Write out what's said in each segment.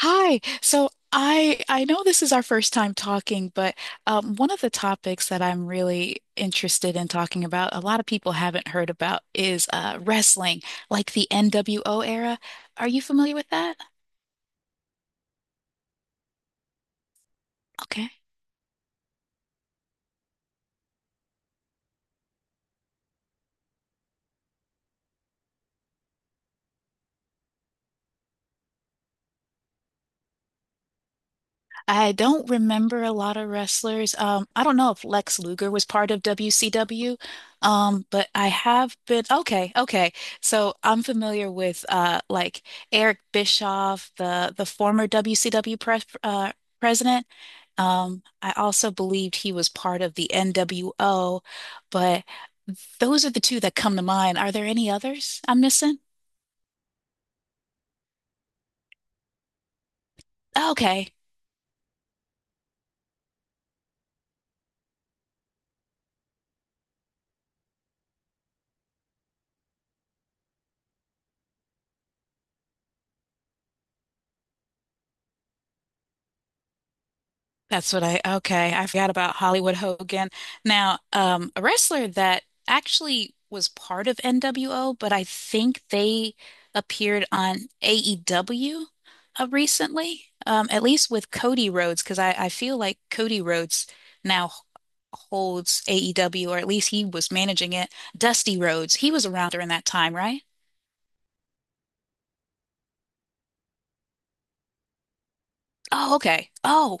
Hi. So I know this is our first time talking, but one of the topics that I'm really interested in talking about, a lot of people haven't heard about, is wrestling, like the NWO era. Are you familiar with that? Okay. I don't remember a lot of wrestlers. I don't know if Lex Luger was part of WCW, but I have been okay, okay. So I'm familiar with like Eric Bischoff, the former WCW president. I also believed he was part of the NWO, but those are the two that come to mind. Are there any others I'm missing? Okay. Okay. I forgot about Hollywood Hogan. Now, a wrestler that actually was part of NWO, but I think they appeared on AEW recently, at least with Cody Rhodes, because I feel like Cody Rhodes now holds AEW, or at least he was managing it. Dusty Rhodes, he was around during that time, right? Oh, okay. Oh,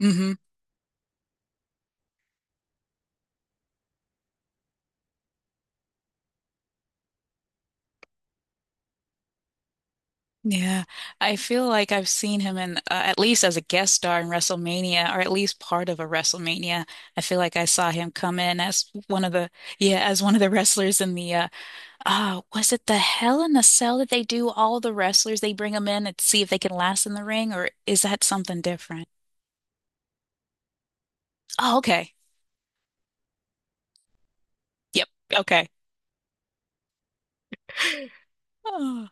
hmm. Yeah, I feel like I've seen him in at least as a guest star in WrestleMania, or at least part of a WrestleMania. I feel like I saw him come in as one of the yeah, as one of the wrestlers in the was it the Hell in a Cell that they do all the wrestlers they bring them in and see if they can last in the ring, or is that something different? Oh, okay. Yep. Okay. Oh.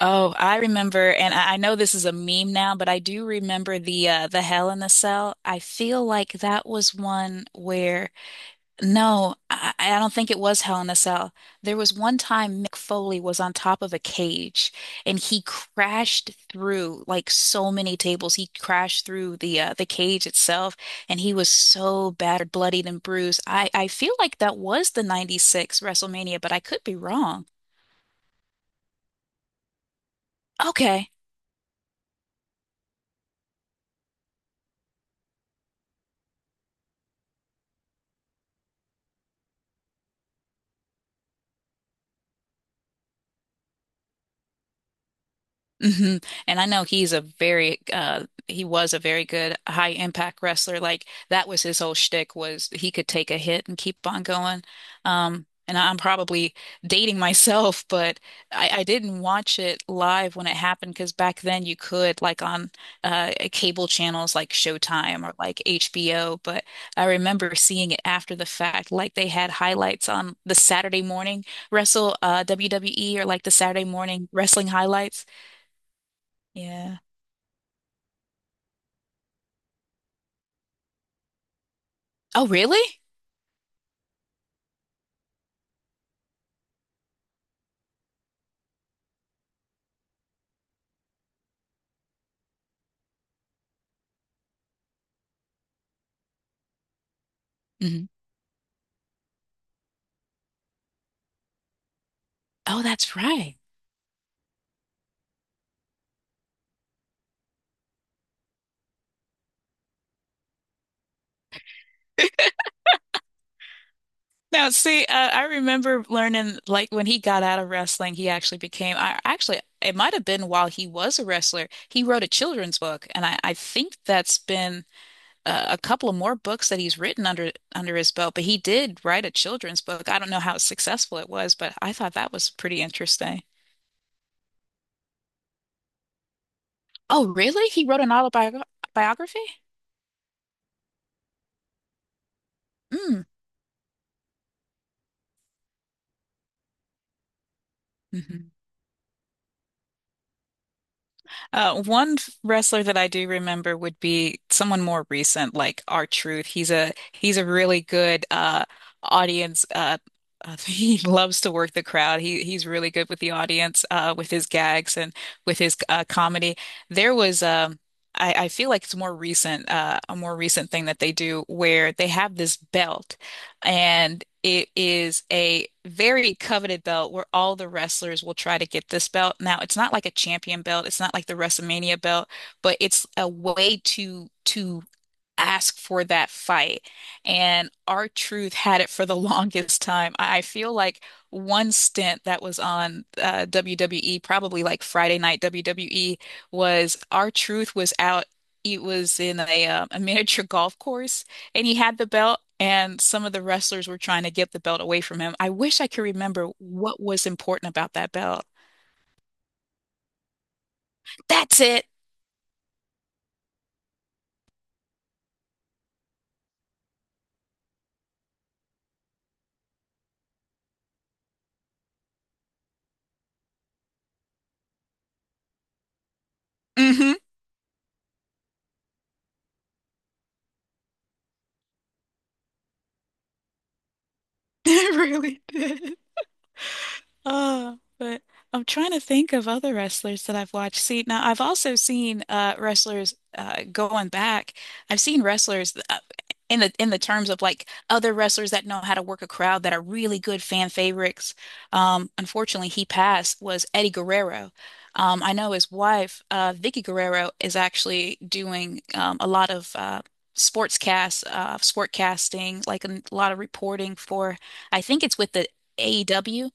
Oh, I remember, and I know this is a meme now, but I do remember the Hell in the Cell. I feel like that was one where. No, I don't think it was Hell in a Cell. There was one time Mick Foley was on top of a cage and he crashed through like so many tables. He crashed through the cage itself and he was so battered, bloodied, and bruised. I feel like that was the 96 WrestleMania, but I could be wrong. Okay. Hmm. And I know he's a very he was a very good high impact wrestler. Like that was his whole shtick was he could take a hit and keep on going. And I'm probably dating myself, but I didn't watch it live when it happened because back then you could like on cable channels like Showtime or like HBO, but I remember seeing it after the fact, like they had highlights on the Saturday morning wrestle WWE or like the Saturday morning wrestling highlights. Yeah. Oh, really? Hmm. Oh, that's right. Now, see, I remember learning like when he got out of wrestling, he actually became, I actually, it might have been while he was a wrestler, he wrote a children's book, and I think that's been a couple of more books that he's written under his belt. But he did write a children's book. I don't know how successful it was, but I thought that was pretty interesting. Oh, really? He wrote an autobiography? Mm. Hmm. One wrestler that I do remember would be someone more recent, like R-Truth. He's a really good audience. He loves to work the crowd. He's really good with the audience, with his gags and with his comedy. There was I feel like it's more recent, a more recent thing that they do where they have this belt. And it is a very coveted belt where all the wrestlers will try to get this belt. Now, it's not like a champion belt. It's not like the WrestleMania belt, but it's a way to ask for that fight. And R-Truth had it for the longest time. I feel like one stint that was on WWE, probably like Friday Night WWE, was R-Truth was out. It was in a miniature golf course and he had the belt. And some of the wrestlers were trying to get the belt away from him. I wish I could remember what was important about that belt. That's it. Hmm. It really did. But I'm trying to think of other wrestlers that I've watched. See, now I've also seen wrestlers going back. I've seen wrestlers, in the terms of like other wrestlers that know how to work a crowd that are really good fan favorites. Unfortunately, he passed was Eddie Guerrero. I know his wife, Vicky Guerrero, is actually doing a lot of sport casting, like a lot of reporting for. I think it's with the AEW.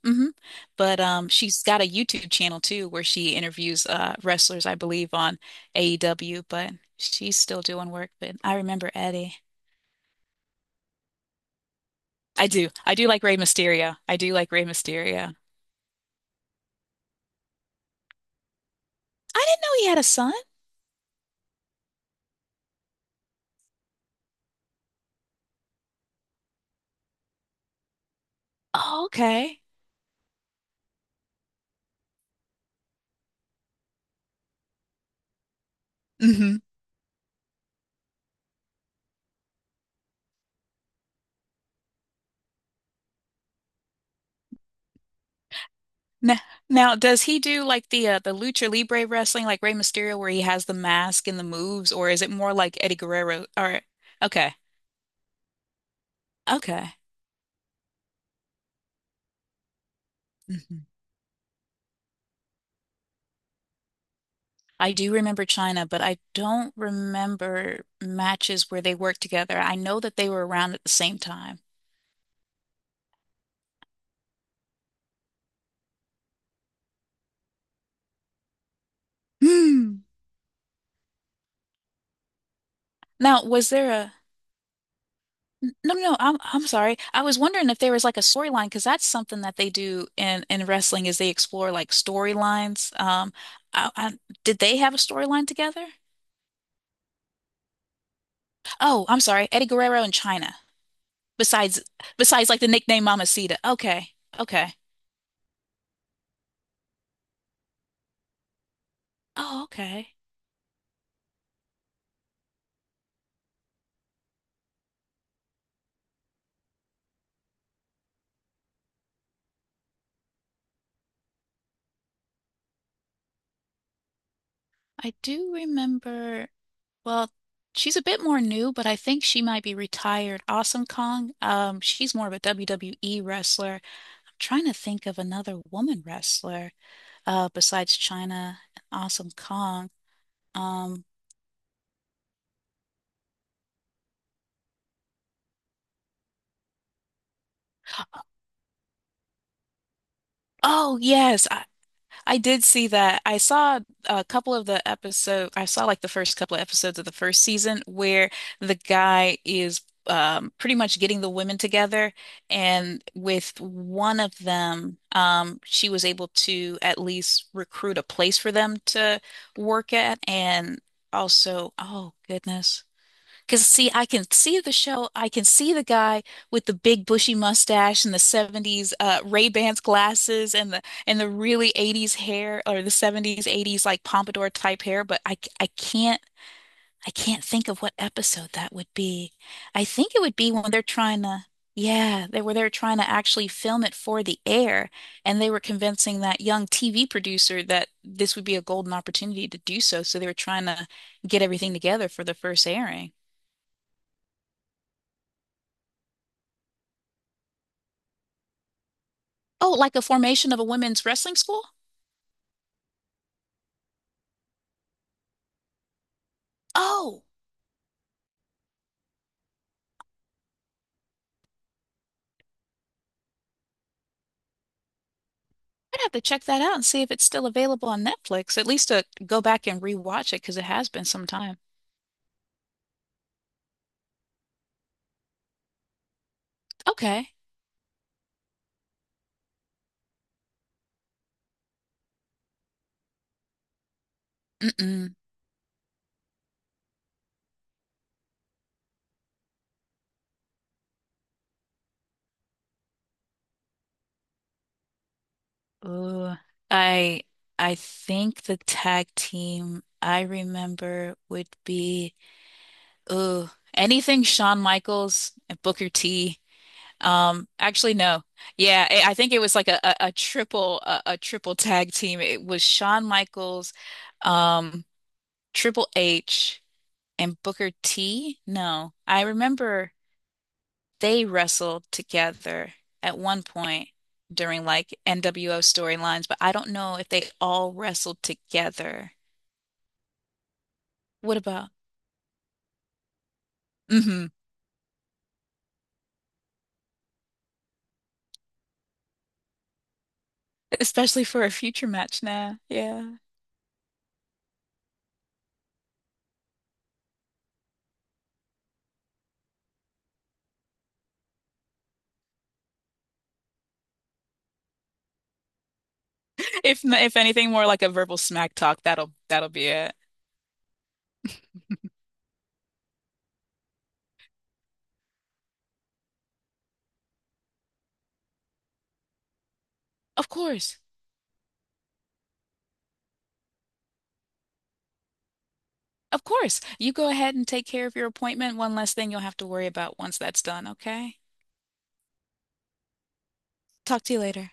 But she's got a YouTube channel too where she interviews wrestlers, I believe, on AEW, but she's still doing work. But I remember Eddie. I do. I do like Rey Mysterio. I do like Rey Mysterio. I didn't know he had a son. Oh, okay. Hmm. Now, now, does he do like the Lucha Libre wrestling, like Rey Mysterio, where he has the mask and the moves, or is it more like Eddie Guerrero? Or okay, okay. Mm-hmm. I do remember China, but I don't remember matches where they worked together. I know that they were around at the same time. Hmm. Now, was there a no, no, no, I'm sorry. I was wondering if there was like a storyline because that's something that they do in wrestling is they explore like storylines. I, I, did they have a storyline together? Oh, I'm sorry, Eddie Guerrero and China. Besides, besides like the nickname Mamacita. Okay, okay. Oh, okay. I do remember, well, she's a bit more new, but I think she might be retired. Awesome Kong, she's more of a WWE wrestler. I'm trying to think of another woman wrestler besides China and Awesome Kong. Um, oh, yes, I did see that. I saw a couple of the episode. I saw like the first couple of episodes of the first season where the guy is pretty much getting the women together, and with one of them, she was able to at least recruit a place for them to work at, and also, oh goodness. Because see, I can see the show. I can see the guy with the big bushy mustache and the 70s Ray-Bans glasses and the really 80s hair or the 70s 80s like pompadour type hair, but I can't I can't think of what episode that would be. I think it would be when they're trying to yeah, they're trying to actually film it for the air and they were convincing that young TV producer that this would be a golden opportunity to do so, so they were trying to get everything together for the first airing. Oh, like a formation of a women's wrestling school? Oh, I'd have to check that out and see if it's still available on Netflix. At least to go back and rewatch it because it has been some time. Okay. Mm-mm. Ooh, I I think the tag team I remember would be ooh, anything Shawn Michaels and Booker T. Actually no. Yeah, I think it was like a triple tag team. It was Shawn Michaels, um, Triple H. and Booker T? No, I remember they wrestled together at one point during like NWO storylines, but I don't know if they all wrestled together. What about? Hmm. Especially for a future match now. Yeah. If anything more like a verbal smack talk, that'll be it. Of course. Of course. You go ahead and take care of your appointment. One less thing you'll have to worry about once that's done, okay? Talk to you later.